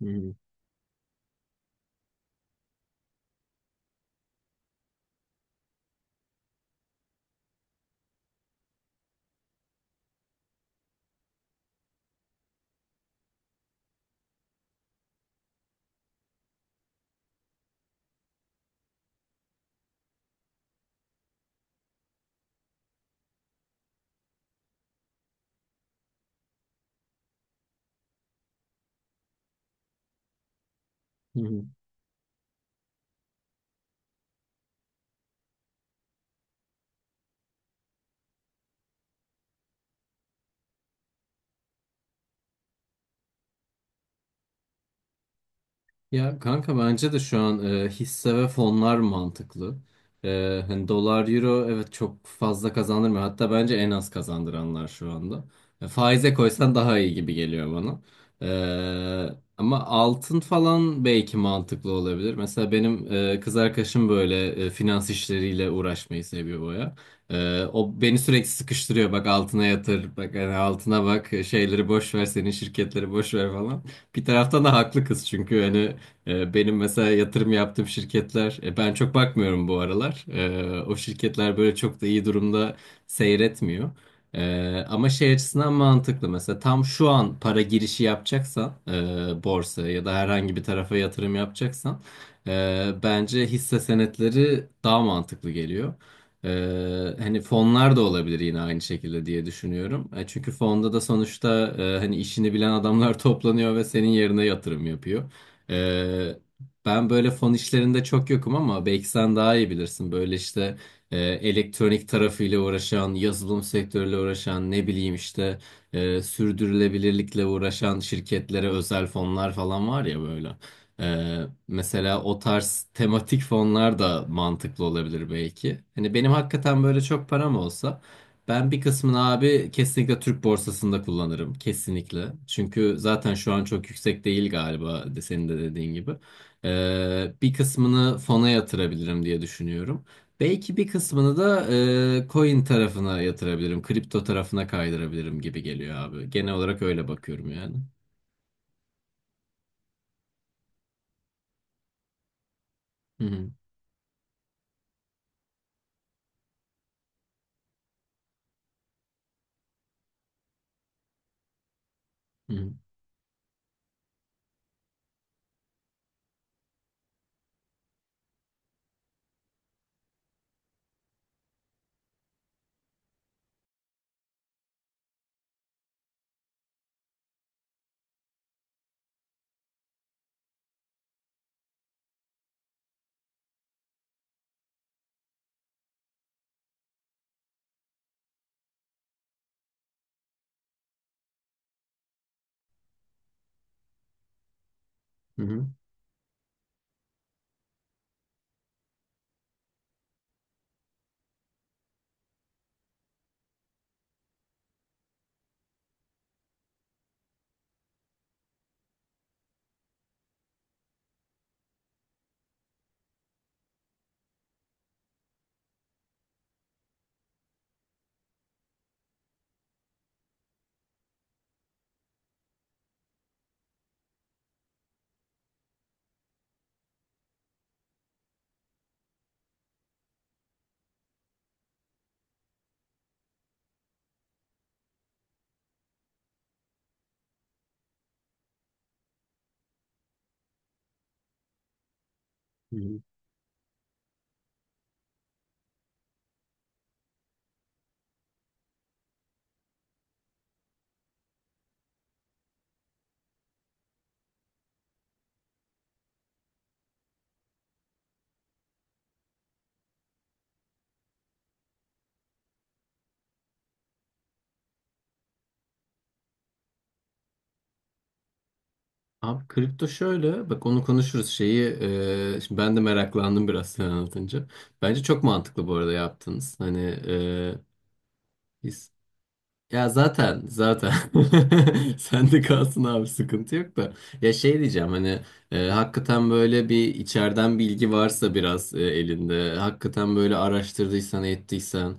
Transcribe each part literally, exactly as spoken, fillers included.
Hı hı. Hı hı. Ya kanka bence de şu an e, hisse ve fonlar mantıklı. E, hani dolar, euro evet çok fazla kazandırmıyor. Hatta bence en az kazandıranlar şu anda. E, faize koysan daha iyi gibi geliyor bana. E, ama altın falan belki mantıklı olabilir. Mesela benim e, kız arkadaşım böyle e, finans işleriyle uğraşmayı seviyor baya. E, o beni sürekli sıkıştırıyor. Bak altına yatır, bak hani altına bak, şeyleri boş ver, senin şirketleri boş ver falan. Bir taraftan da haklı kız, çünkü hani e, benim mesela yatırım yaptığım şirketler, e, ben çok bakmıyorum bu aralar. E, O şirketler böyle çok da iyi durumda seyretmiyor. E, Ama şey açısından mantıklı mesela, tam şu an para girişi yapacaksan e, borsaya ya da herhangi bir tarafa yatırım yapacaksan e, bence hisse senetleri daha mantıklı geliyor. E, Hani fonlar da olabilir yine aynı şekilde diye düşünüyorum. E, Çünkü fonda da sonuçta e, hani işini bilen adamlar toplanıyor ve senin yerine yatırım yapıyor. Ee, ben böyle fon işlerinde çok yokum ama belki sen daha iyi bilirsin. Böyle işte e, elektronik tarafıyla uğraşan, yazılım sektörüyle uğraşan, ne bileyim işte e, sürdürülebilirlikle uğraşan şirketlere özel fonlar falan var ya böyle. Ee, mesela o tarz tematik fonlar da mantıklı olabilir belki. Hani benim hakikaten böyle çok param olsa, ben bir kısmını abi kesinlikle Türk borsasında kullanırım. Kesinlikle. Çünkü zaten şu an çok yüksek değil galiba de, senin de dediğin gibi. Ee, bir kısmını fona yatırabilirim diye düşünüyorum. Belki bir kısmını da e, coin tarafına yatırabilirim. Kripto tarafına kaydırabilirim gibi geliyor abi. Genel olarak öyle bakıyorum yani. Hı hı. Hı hı. Hı hı. Abi kripto şöyle, bak onu konuşuruz, şeyi e, şimdi ben de meraklandım biraz sen anlatınca. Bence çok mantıklı bu arada yaptınız. Hani, ya zaten zaten sen de kalsın abi, sıkıntı yok da, ya şey diyeceğim, hani e, hakikaten böyle bir içeriden bilgi varsa, biraz e, elinde hakikaten böyle araştırdıysan ettiysen,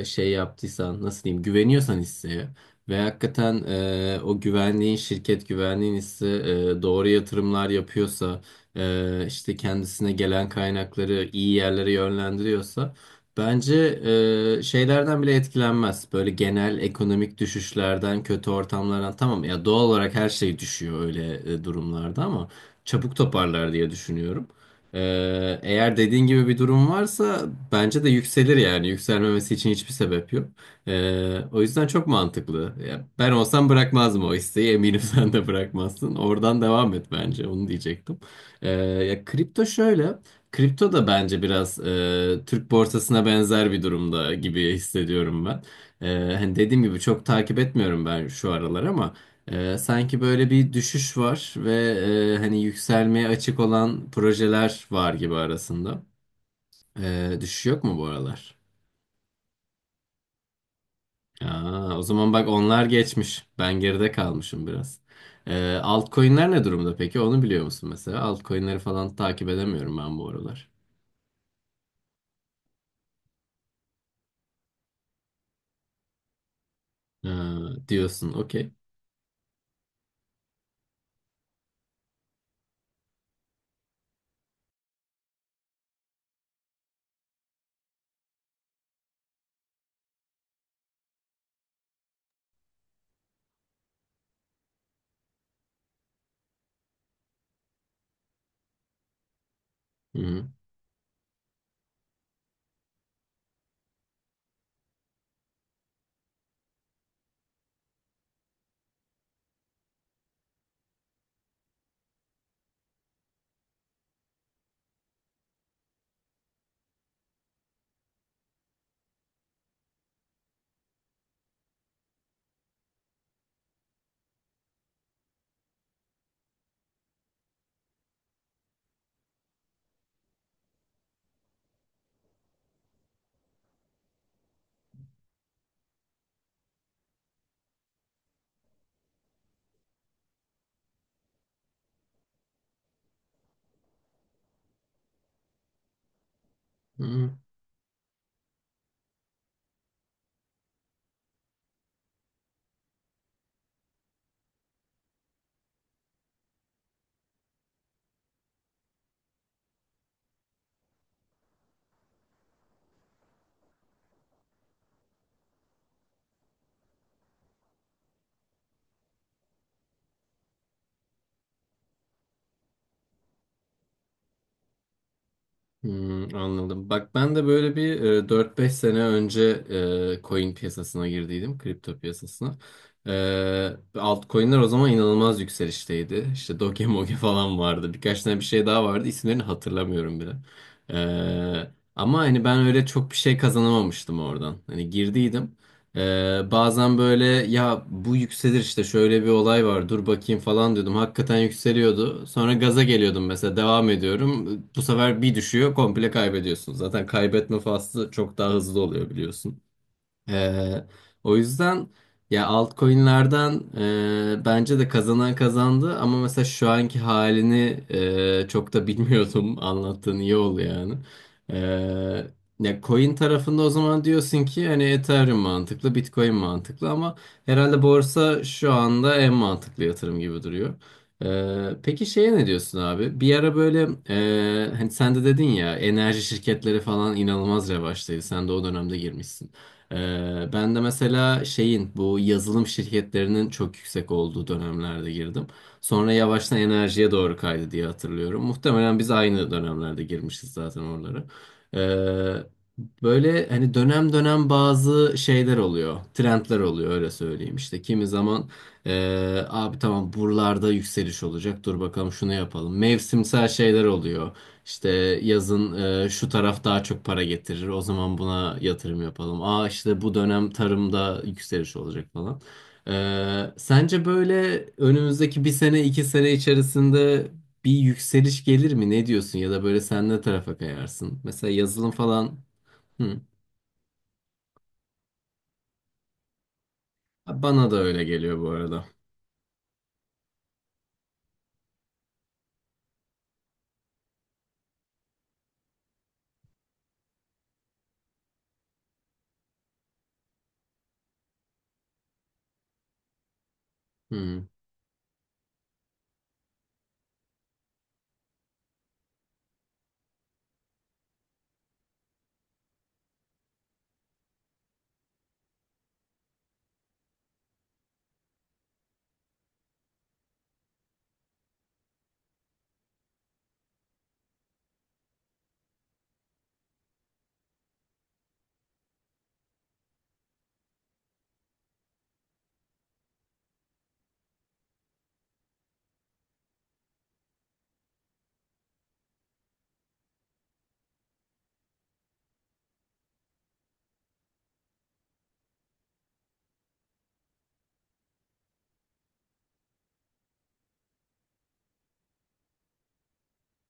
e, şey yaptıysan, nasıl diyeyim, güveniyorsan hisseye ve hakikaten e, o güvenliğin, şirket güvenliğin, hisse e, doğru yatırımlar yapıyorsa, e, işte kendisine gelen kaynakları iyi yerlere yönlendiriyorsa, bence e, şeylerden bile etkilenmez. Böyle genel ekonomik düşüşlerden, kötü ortamlardan. Tamam, ya doğal olarak her şey düşüyor öyle e, durumlarda ama çabuk toparlar diye düşünüyorum. E, eğer dediğin gibi bir durum varsa, bence de yükselir yani. Yükselmemesi için hiçbir sebep yok. E, o yüzden çok mantıklı. Ya, ben olsam bırakmazdım o isteği. Eminim sen de bırakmazsın. Oradan devam et bence. Onu diyecektim. E, ya kripto şöyle. Kripto da bence biraz e, Türk borsasına benzer bir durumda gibi hissediyorum ben. E, hani dediğim gibi çok takip etmiyorum ben şu aralar ama e, sanki böyle bir düşüş var ve e, hani yükselmeye açık olan projeler var gibi arasında. E, düşüş yok mu bu aralar? Aa, o zaman bak, onlar geçmiş. Ben geride kalmışım biraz. E, altcoin'ler ne durumda peki? Onu biliyor musun mesela? Altcoin'leri falan takip edemiyorum ben bu aralar. E, diyorsun, okey. Hı hı. Hmm, anladım. Bak ben de böyle bir e, dört beş sene önce e, coin piyasasına girdiydim. Kripto piyasasına. E, altcoin'ler o zaman inanılmaz yükselişteydi. İşte Doge Moge falan vardı. Birkaç tane bir şey daha vardı. İsimlerini hatırlamıyorum bile. E, ama hani ben öyle çok bir şey kazanamamıştım oradan. Hani girdiydim. Ee, bazen böyle, ya bu yükselir işte, şöyle bir olay var, dur bakayım falan diyordum. Hakikaten yükseliyordu. Sonra gaza geliyordum mesela, devam ediyorum. Bu sefer bir düşüyor, komple kaybediyorsun. Zaten kaybetme faslı çok daha hızlı oluyor, biliyorsun. Ee, o yüzden ya, altcoin'lerden e, bence de kazanan kazandı ama mesela şu anki halini e, çok da bilmiyordum. Anlattığın iyi oldu yani. Ee, ya coin tarafında o zaman diyorsun ki hani Ethereum mantıklı, Bitcoin mantıklı ama herhalde borsa şu anda en mantıklı yatırım gibi duruyor. Ee, peki şeye ne diyorsun abi? Bir ara böyle e, hani sen de dedin ya, enerji şirketleri falan inanılmaz revaçtaydı. Sen de o dönemde girmişsin. Ee, ben de mesela şeyin, bu yazılım şirketlerinin çok yüksek olduğu dönemlerde girdim. Sonra yavaştan enerjiye doğru kaydı diye hatırlıyorum. Muhtemelen biz aynı dönemlerde girmişiz zaten oralara. Ee, böyle hani dönem dönem bazı şeyler oluyor. Trendler oluyor, öyle söyleyeyim. İşte kimi zaman ee, abi tamam buralarda yükseliş olacak, dur bakalım şunu yapalım. Mevsimsel şeyler oluyor. İşte yazın e, şu taraf daha çok para getirir, o zaman buna yatırım yapalım. Aa, işte bu dönem tarımda yükseliş olacak falan. E, sence böyle önümüzdeki bir sene iki sene içerisinde bir yükseliş gelir mi? Ne diyorsun? Ya da böyle sen ne tarafa kayarsın? Mesela yazılım falan. Hı. Bana da öyle geliyor bu arada. Hı,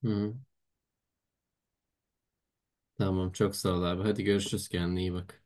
hı. Tamam, çok sağ ol abi. Hadi görüşürüz, kendine iyi bak.